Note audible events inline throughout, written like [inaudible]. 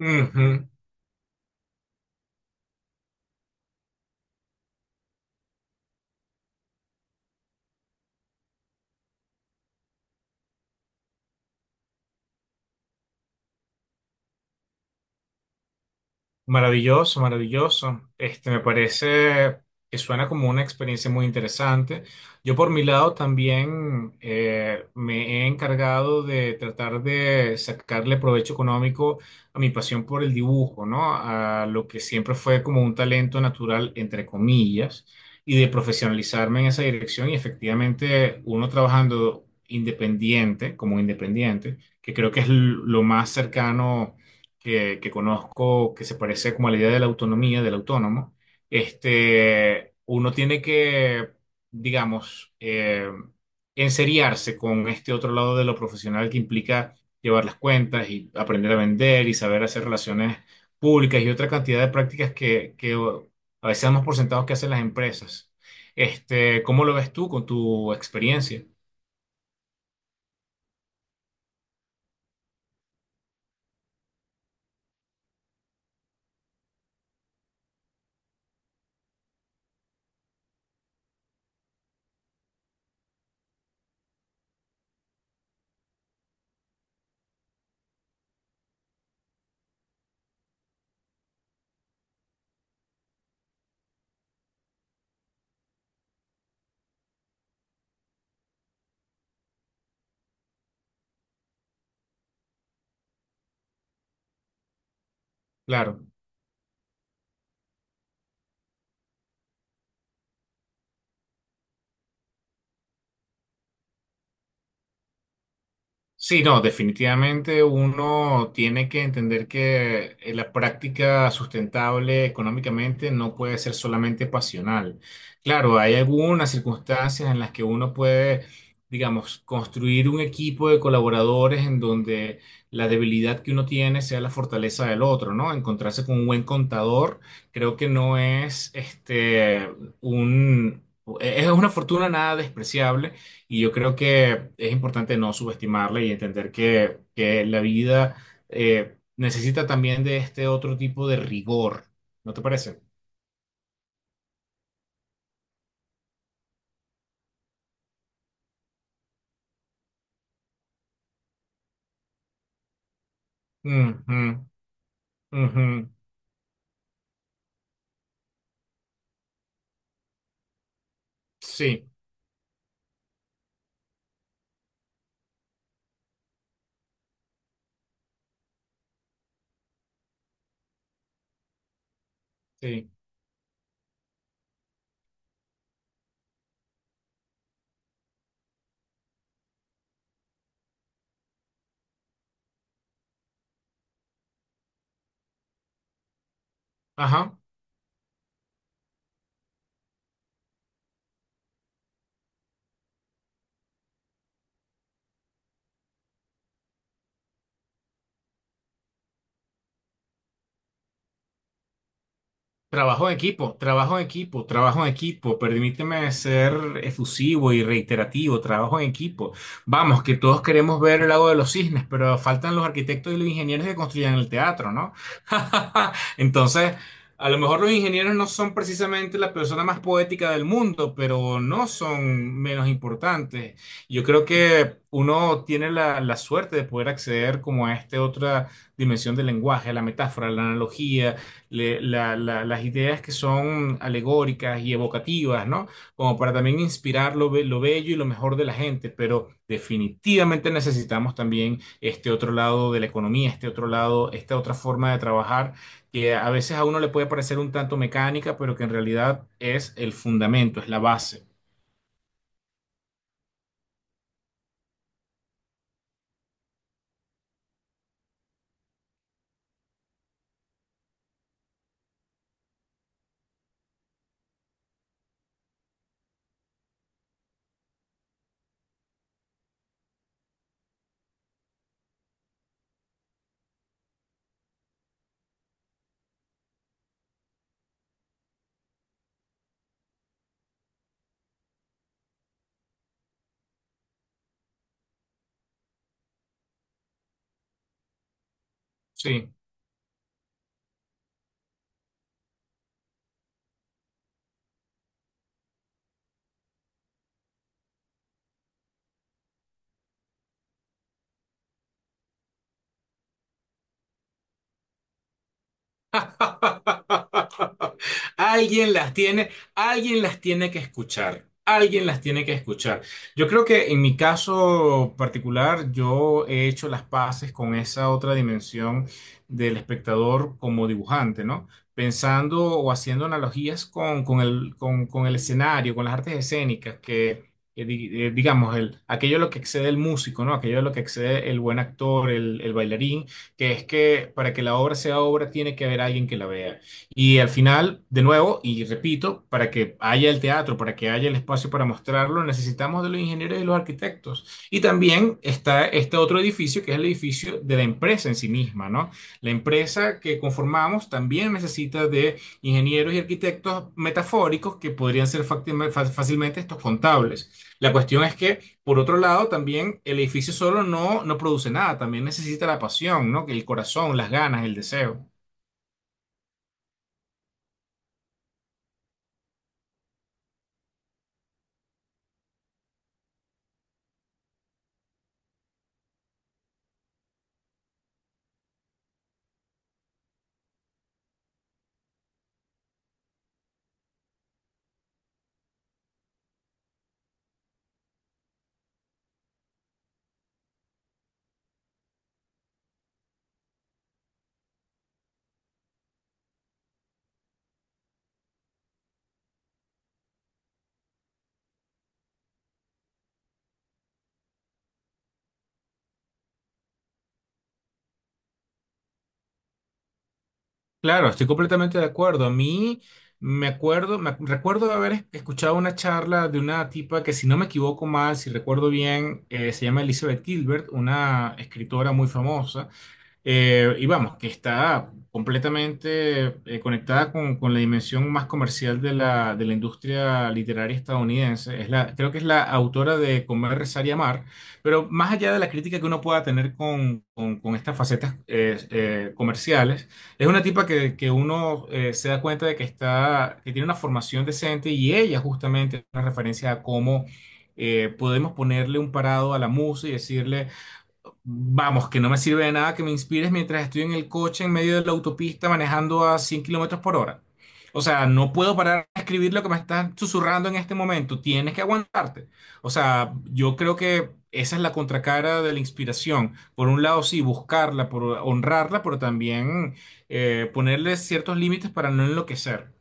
Ujú. Maravilloso, maravilloso. Este, me parece que suena como una experiencia muy interesante. Yo por mi lado también me he encargado de tratar de sacarle provecho económico a mi pasión por el dibujo, ¿no? A lo que siempre fue como un talento natural, entre comillas, y de profesionalizarme en esa dirección. Y efectivamente, uno trabajando independiente, como independiente, que creo que es lo más cercano que conozco que se parece como a la idea de la autonomía, del autónomo, este, uno tiene que digamos, enseriarse con este otro lado de lo profesional que implica llevar las cuentas y aprender a vender y saber hacer relaciones públicas y otra cantidad de prácticas que a veces damos por sentados que hacen las empresas. Este, ¿cómo lo ves tú con tu experiencia? Claro. Sí, no, definitivamente uno tiene que entender que la práctica sustentable económicamente no puede ser solamente pasional. Claro, hay algunas circunstancias en las que uno puede, digamos, construir un equipo de colaboradores en donde la debilidad que uno tiene sea la fortaleza del otro, ¿no? Encontrarse con un buen contador, creo que no es este un es una fortuna nada despreciable y yo creo que es importante no subestimarla y entender que la vida necesita también de este otro tipo de rigor. ¿No te parece? Ujú, ujú. Sí, sí. Ajá. Trabajo en equipo, trabajo en equipo, trabajo en equipo. Permíteme ser efusivo y reiterativo, trabajo en equipo. Vamos, que todos queremos ver el lago de los cisnes, pero faltan los arquitectos y los ingenieros que construyan el teatro, ¿no? [laughs] Entonces, a lo mejor los ingenieros no son precisamente la persona más poética del mundo, pero no son menos importantes. Yo creo que uno tiene la suerte de poder acceder como a esta otra dimensión del lenguaje, a la metáfora, a la analogía las ideas que son alegóricas y evocativas, ¿no? Como para también inspirar lo bello y lo mejor de la gente, pero definitivamente necesitamos también este otro lado de la economía, este otro lado, esta otra forma de trabajar, que a veces a uno le puede parecer un tanto mecánica, pero que en realidad es el fundamento, es la base. Sí. [laughs] Alguien las tiene que escuchar. Alguien las tiene que escuchar. Yo creo que en mi caso particular, yo he hecho las paces con esa otra dimensión del espectador como dibujante, ¿no? Pensando o haciendo analogías con el, con el escenario, con las artes escénicas, que digamos, el, aquello a lo que excede el músico, ¿no? Aquello a lo que excede el buen actor, el bailarín que es que para que la obra sea obra tiene que haber alguien que la vea. Y al final, de nuevo, y repito, para que haya el teatro, para que haya el espacio para mostrarlo, necesitamos de los ingenieros y de los arquitectos. Y también está este otro edificio, que es el edificio de la empresa en sí misma, ¿no? La empresa que conformamos también necesita de ingenieros y arquitectos metafóricos que podrían ser fácilmente estos contables. La cuestión es que, por otro lado, también el edificio solo no produce nada, también necesita la pasión, ¿no? Que el corazón, las ganas, el deseo. Claro, estoy completamente de acuerdo. A mí me acuerdo, recuerdo haber escuchado una charla de una tipa que, si no me equivoco mal, si recuerdo bien, se llama Elizabeth Gilbert, una escritora muy famosa. Y vamos, que está completamente conectada con la dimensión más comercial de de la industria literaria estadounidense. Es la, creo que es la autora de Comer, Rezar y Amar, pero más allá de la crítica que uno pueda tener con estas facetas comerciales, es una tipa que uno se da cuenta de que, está, que tiene una formación decente y ella justamente es una referencia a cómo... podemos ponerle un parado a la música y decirle, vamos, que no me sirve de nada que me inspires mientras estoy en el coche en medio de la autopista manejando a 100 kilómetros por hora. O sea, no puedo parar de escribir lo que me estás susurrando en este momento. Tienes que aguantarte. O sea, yo creo que esa es la contracara de la inspiración. Por un lado, sí, buscarla, por honrarla, pero también ponerle ciertos límites para no enloquecer.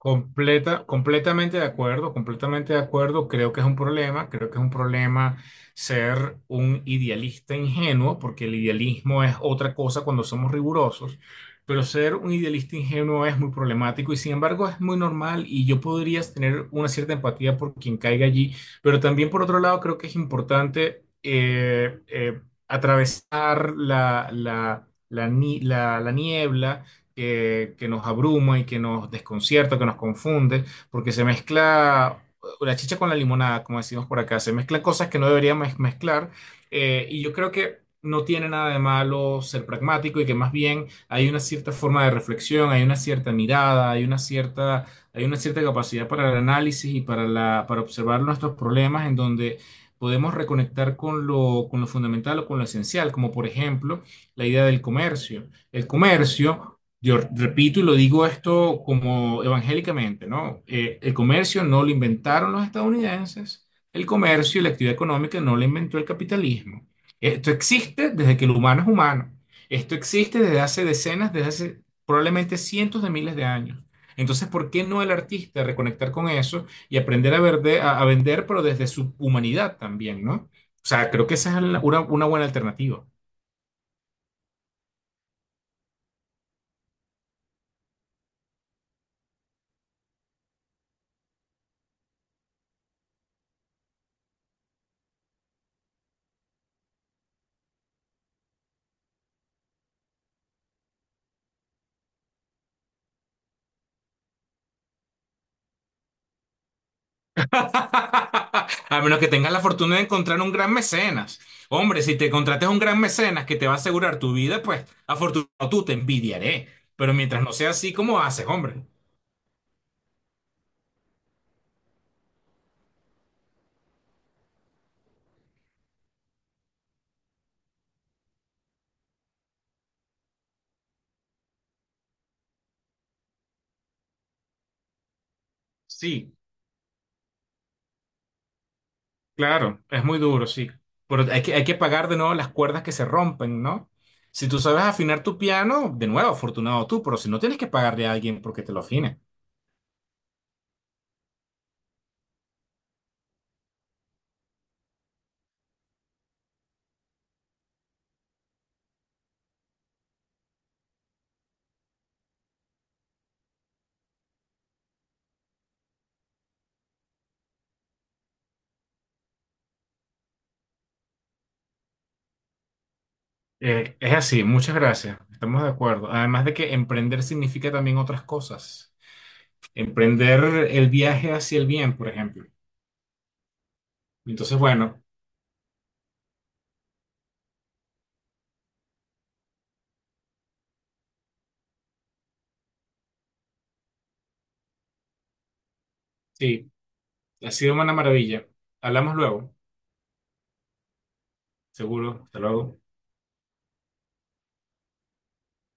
Completamente de acuerdo, completamente de acuerdo. Creo que es un problema, creo que es un problema ser un idealista ingenuo, porque el idealismo es otra cosa cuando somos rigurosos, pero ser un idealista ingenuo es muy problemático y sin embargo es muy normal y yo podría tener una cierta empatía por quien caiga allí, pero también por otro lado creo que es importante atravesar la, la, la, ni- la la niebla que nos abruma y que nos desconcierta, que nos confunde, porque se mezcla la chicha con la limonada, como decimos por acá, se mezclan cosas que no deberían mezclar, y yo creo que no tiene nada de malo ser pragmático y que más bien hay una cierta forma de reflexión, hay una cierta mirada, hay una cierta capacidad para el análisis y para para observar nuestros problemas en donde podemos reconectar con lo fundamental o con lo esencial, como por ejemplo la idea del comercio. El comercio yo repito y lo digo esto como evangélicamente, ¿no? El comercio no lo inventaron los estadounidenses, el comercio y la actividad económica no lo inventó el capitalismo. Esto existe desde que el humano es humano. Esto existe desde hace decenas, desde hace probablemente cientos de miles de años. Entonces, ¿por qué no el artista reconectar con eso y aprender a, a vender, pero desde su humanidad también, ¿no? O sea, creo que esa es una buena alternativa. [laughs] A menos que tengas la fortuna de encontrar un gran mecenas. Hombre, si te contrates un gran mecenas que te va a asegurar tu vida, pues afortunado tú te envidiaré. Pero mientras no sea así, ¿cómo haces, hombre? Sí, claro, es muy duro, sí. Pero hay hay que pagar de nuevo las cuerdas que se rompen, ¿no? Si tú sabes afinar tu piano, de nuevo, afortunado tú, pero si no tienes que pagarle a alguien porque te lo afine. Es así, muchas gracias, estamos de acuerdo. Además de que emprender significa también otras cosas. Emprender el viaje hacia el bien, por ejemplo. Entonces, bueno, sí, ha sido una maravilla. Hablamos luego, seguro. Hasta luego.